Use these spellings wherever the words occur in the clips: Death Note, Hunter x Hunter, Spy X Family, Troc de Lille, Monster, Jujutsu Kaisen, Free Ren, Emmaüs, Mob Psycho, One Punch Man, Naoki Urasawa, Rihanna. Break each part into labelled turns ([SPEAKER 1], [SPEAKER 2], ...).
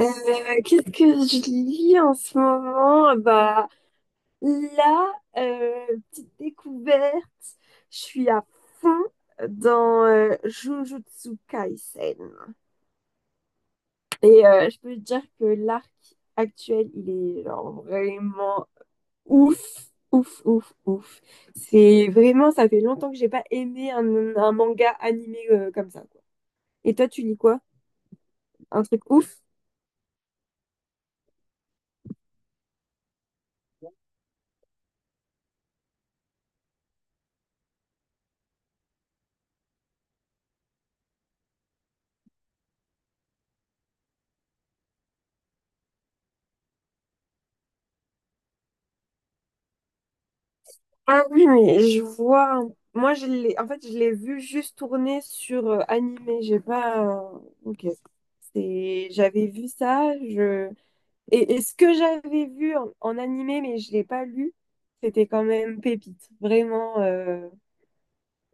[SPEAKER 1] Euh, Qu'est-ce que je lis en ce moment? Bah là, petite découverte, je suis à fond dans Jujutsu Kaisen. Et je peux te dire que l'arc actuel, il est genre vraiment ouf, ouf, ouf, ouf. C'est vraiment, ça fait longtemps que j'ai pas aimé un manga animé comme ça, quoi. Et toi, tu lis quoi? Un truc ouf. Ah oui, mais je vois. Moi, en fait, je l'ai vu juste tourner sur animé. J'ai pas. Ok. J'avais vu ça. Et ce que j'avais vu en animé, mais je l'ai pas lu, c'était quand même pépite. Vraiment, euh,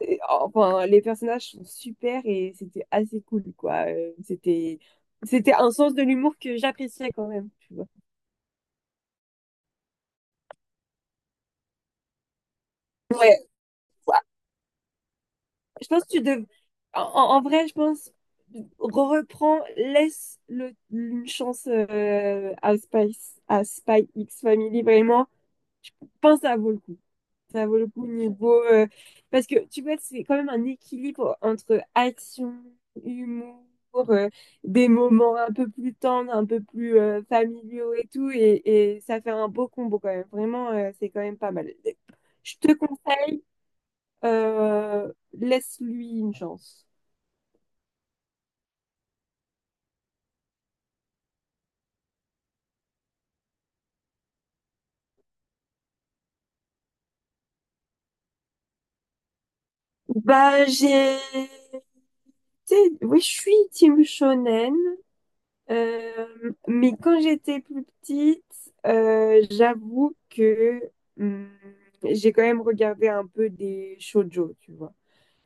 [SPEAKER 1] et- oh, enfin, les personnages sont super et c'était assez cool, quoi. C'était un sens de l'humour que j'appréciais quand même, tu vois. Ouais, je pense que tu dev... en vrai, je pense, re- reprends, laisse le, une chance à Spy X Family, vraiment. Je pense que ça vaut le coup. Ça vaut le coup niveau parce que tu vois, c'est quand même un équilibre entre action, humour, euh, des moments un peu plus tendres, un peu plus familiaux et tout, et ça fait un beau combo quand même. Vraiment, c'est quand même pas mal. Je te conseille, laisse-lui une chance. Bah, j'ai été... Oui, je suis team shonen. Mais quand j'étais plus petite, j'avoue que hum, j'ai quand même regardé un peu des shoujo, tu vois.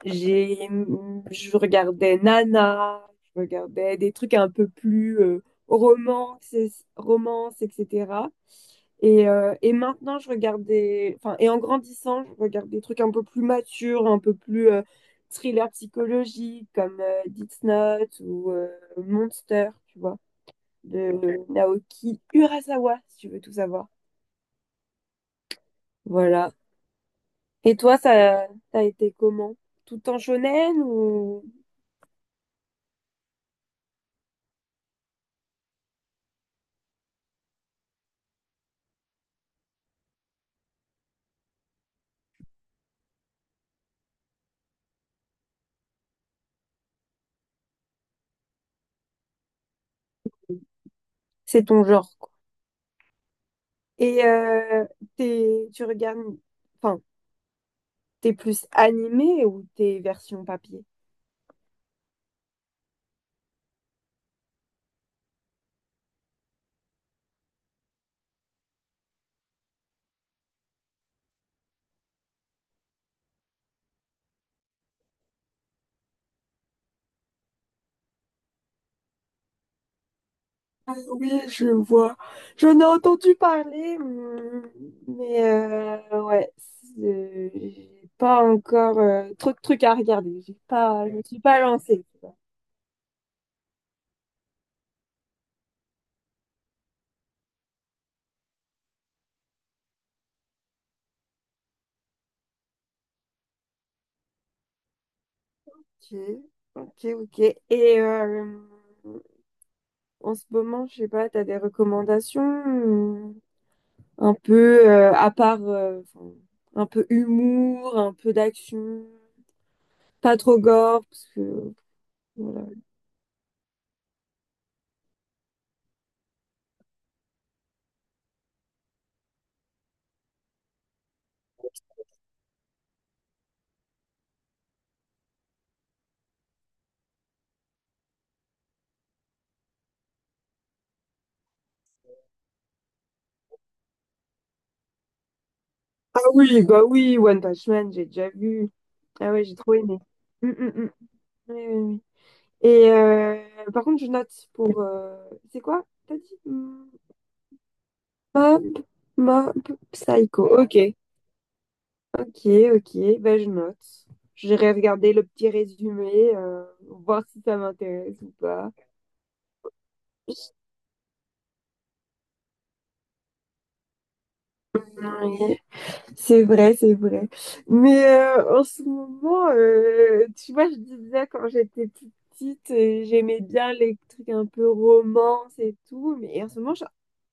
[SPEAKER 1] Je regardais Nana, je regardais des trucs un peu plus romance, romance, etc. Et maintenant, Enfin, et en grandissant, je regarde des trucs un peu plus matures, un peu plus thriller psychologique, comme Death Note ou Monster, tu vois de Naoki Urasawa, si tu veux tout savoir. Voilà. Et toi, ça t'as été comment? Tout en shonen ou c'est ton genre, quoi? Et tu regardes, enfin, t'es plus animé ou t'es version papier? Ah oui, je vois. J'en ai entendu parler, mais j'ai pas encore trop de trucs à regarder. J'ai pas, je me suis pas lancée. Ok, ok, ok. Et en ce moment, je sais pas, t'as des recommandations euh, un peu à part enfin, un peu humour, un peu d'action, pas trop gore parce que voilà. Ah oui, bah oui, One Punch Man, j'ai déjà vu. Ah ouais, j'ai trop aimé. Mm, mm, mm. Oui, oui, oui. Et par contre, je note pour c'est quoi? T'as dit? Mob, Mob Psycho. Ok. Ok, ok, ben je note. J'irai regarder le petit résumé, voir si ça m'intéresse ou pas. Oui, c'est vrai, c'est vrai. Mais en ce moment, tu vois, je disais quand j'étais plus petite, j'aimais bien les trucs un peu romance et tout, mais en ce moment,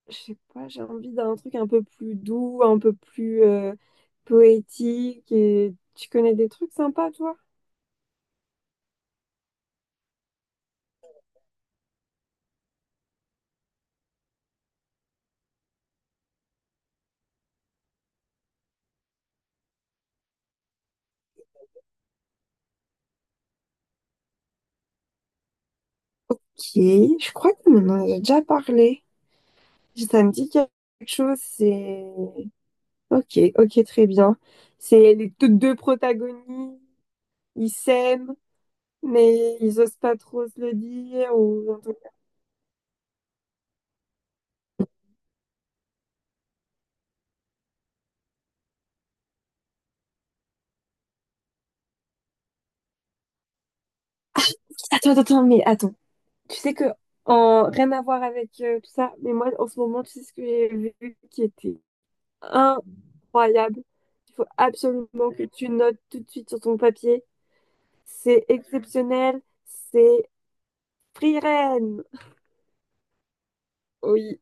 [SPEAKER 1] je sais pas, j'ai envie d'un truc un peu plus doux, un peu plus poétique. Et tu connais des trucs sympas, toi? Ok, je crois que maintenant, on en a déjà parlé. Ça me dit quelque chose, c'est... Ok, ok, très bien. C'est les toutes deux protagonistes, ils s'aiment, mais ils osent pas trop se le dire. Ou... Attends, attends, attends, mais attends. Tu sais que, en... Rien à voir avec tout ça, mais moi, en ce moment, tu sais ce que j'ai vu qui était incroyable. Il faut absolument que tu notes tout de suite sur ton papier. C'est exceptionnel, c'est Free Ren. Oui,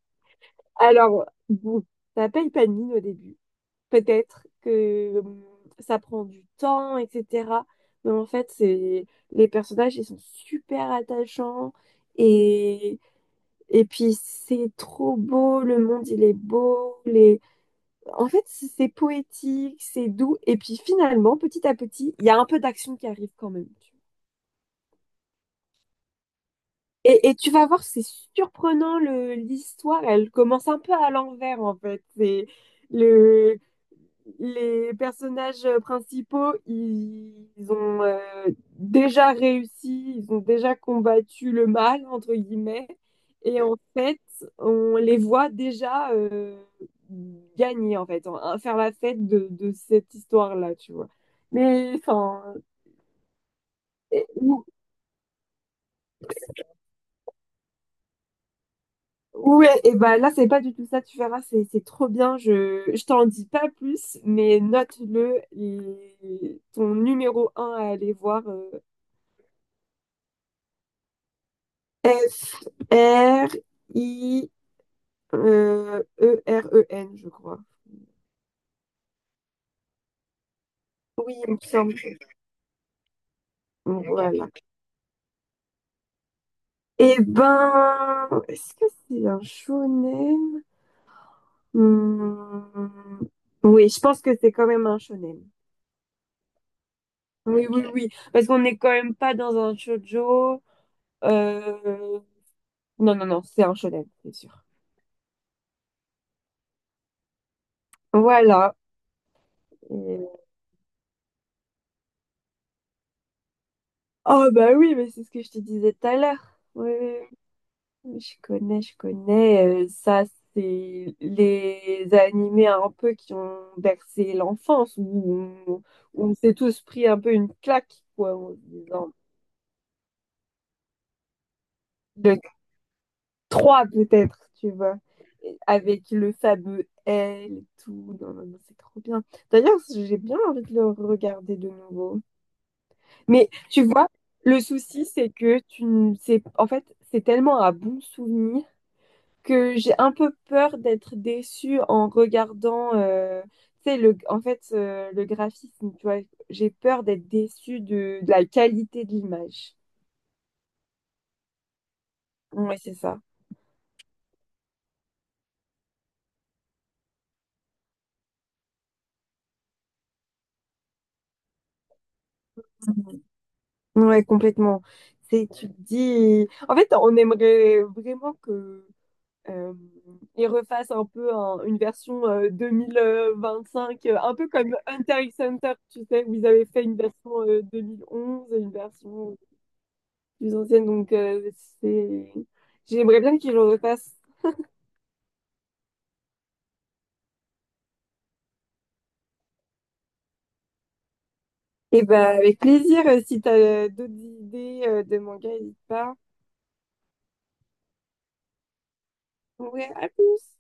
[SPEAKER 1] alors, bon, ça paye pas de mine au début. Peut-être que ça prend du temps, etc. Mais en fait, c'est les personnages, ils sont super attachants et et puis c'est trop beau, le monde il est beau, c'est poétique, c'est doux et puis finalement, petit à petit, il y a un peu d'action qui arrive quand même. Et tu vas voir, c'est surprenant le l'histoire, elle commence un peu à l'envers en fait. C'est le Les personnages principaux, ils ont déjà réussi, ils ont déjà combattu le mal, entre guillemets, et en fait, on les voit déjà gagner, en fait, faire la fête de cette histoire-là, tu vois. Mais, enfin, et- ouais, et bah là, c'est pas du tout ça, tu verras, c'est trop bien, je t'en dis pas plus, mais note-le, et ton numéro un à aller voir, F R I E R E N, je crois. Oui, il me semble. Voilà. Eh ben, est-ce que c'est un shonen? Hmm, Oui, je pense que c'est quand même un shonen. Oui, oui, oui. Parce qu'on n'est quand même pas dans un shoujo. Euh... Non, non, non, c'est un shonen, c'est sûr. Voilà. Et- Oh, bah oui, mais c'est ce que je te disais tout à l'heure. Oui, oui, je connais, je connais. Ça, c'est les animés un peu qui ont bercé l'enfance, on, où on s'est tous pris un peu une claque, quoi, en se disant. Le 3, peut-être, tu vois. Et avec le fameux L et tout. Non, non, non, c'est trop bien. D'ailleurs, j'ai bien envie de le regarder de nouveau. Mais tu vois, le souci, c'est que tu ne sais. En fait, c'est tellement un bon souvenir que j'ai un peu peur d'être déçue en regardant, tu sais, le graphisme, tu vois, j'ai peur d'être déçue de la qualité de l'image. Ouais, c'est ça. Ouais, complètement. C'est, tu te dis, en fait, on aimerait vraiment que euh, ils refassent un peu une version 2025, un peu comme Hunter x Hunter, tu sais, où ils avaient fait une version 2011 et une version plus ancienne, donc c'est... j'aimerais bien qu'ils le refassent. Et bah avec plaisir, si t'as d'autres idées de manga, n'hésite pas. Ouais, à plus!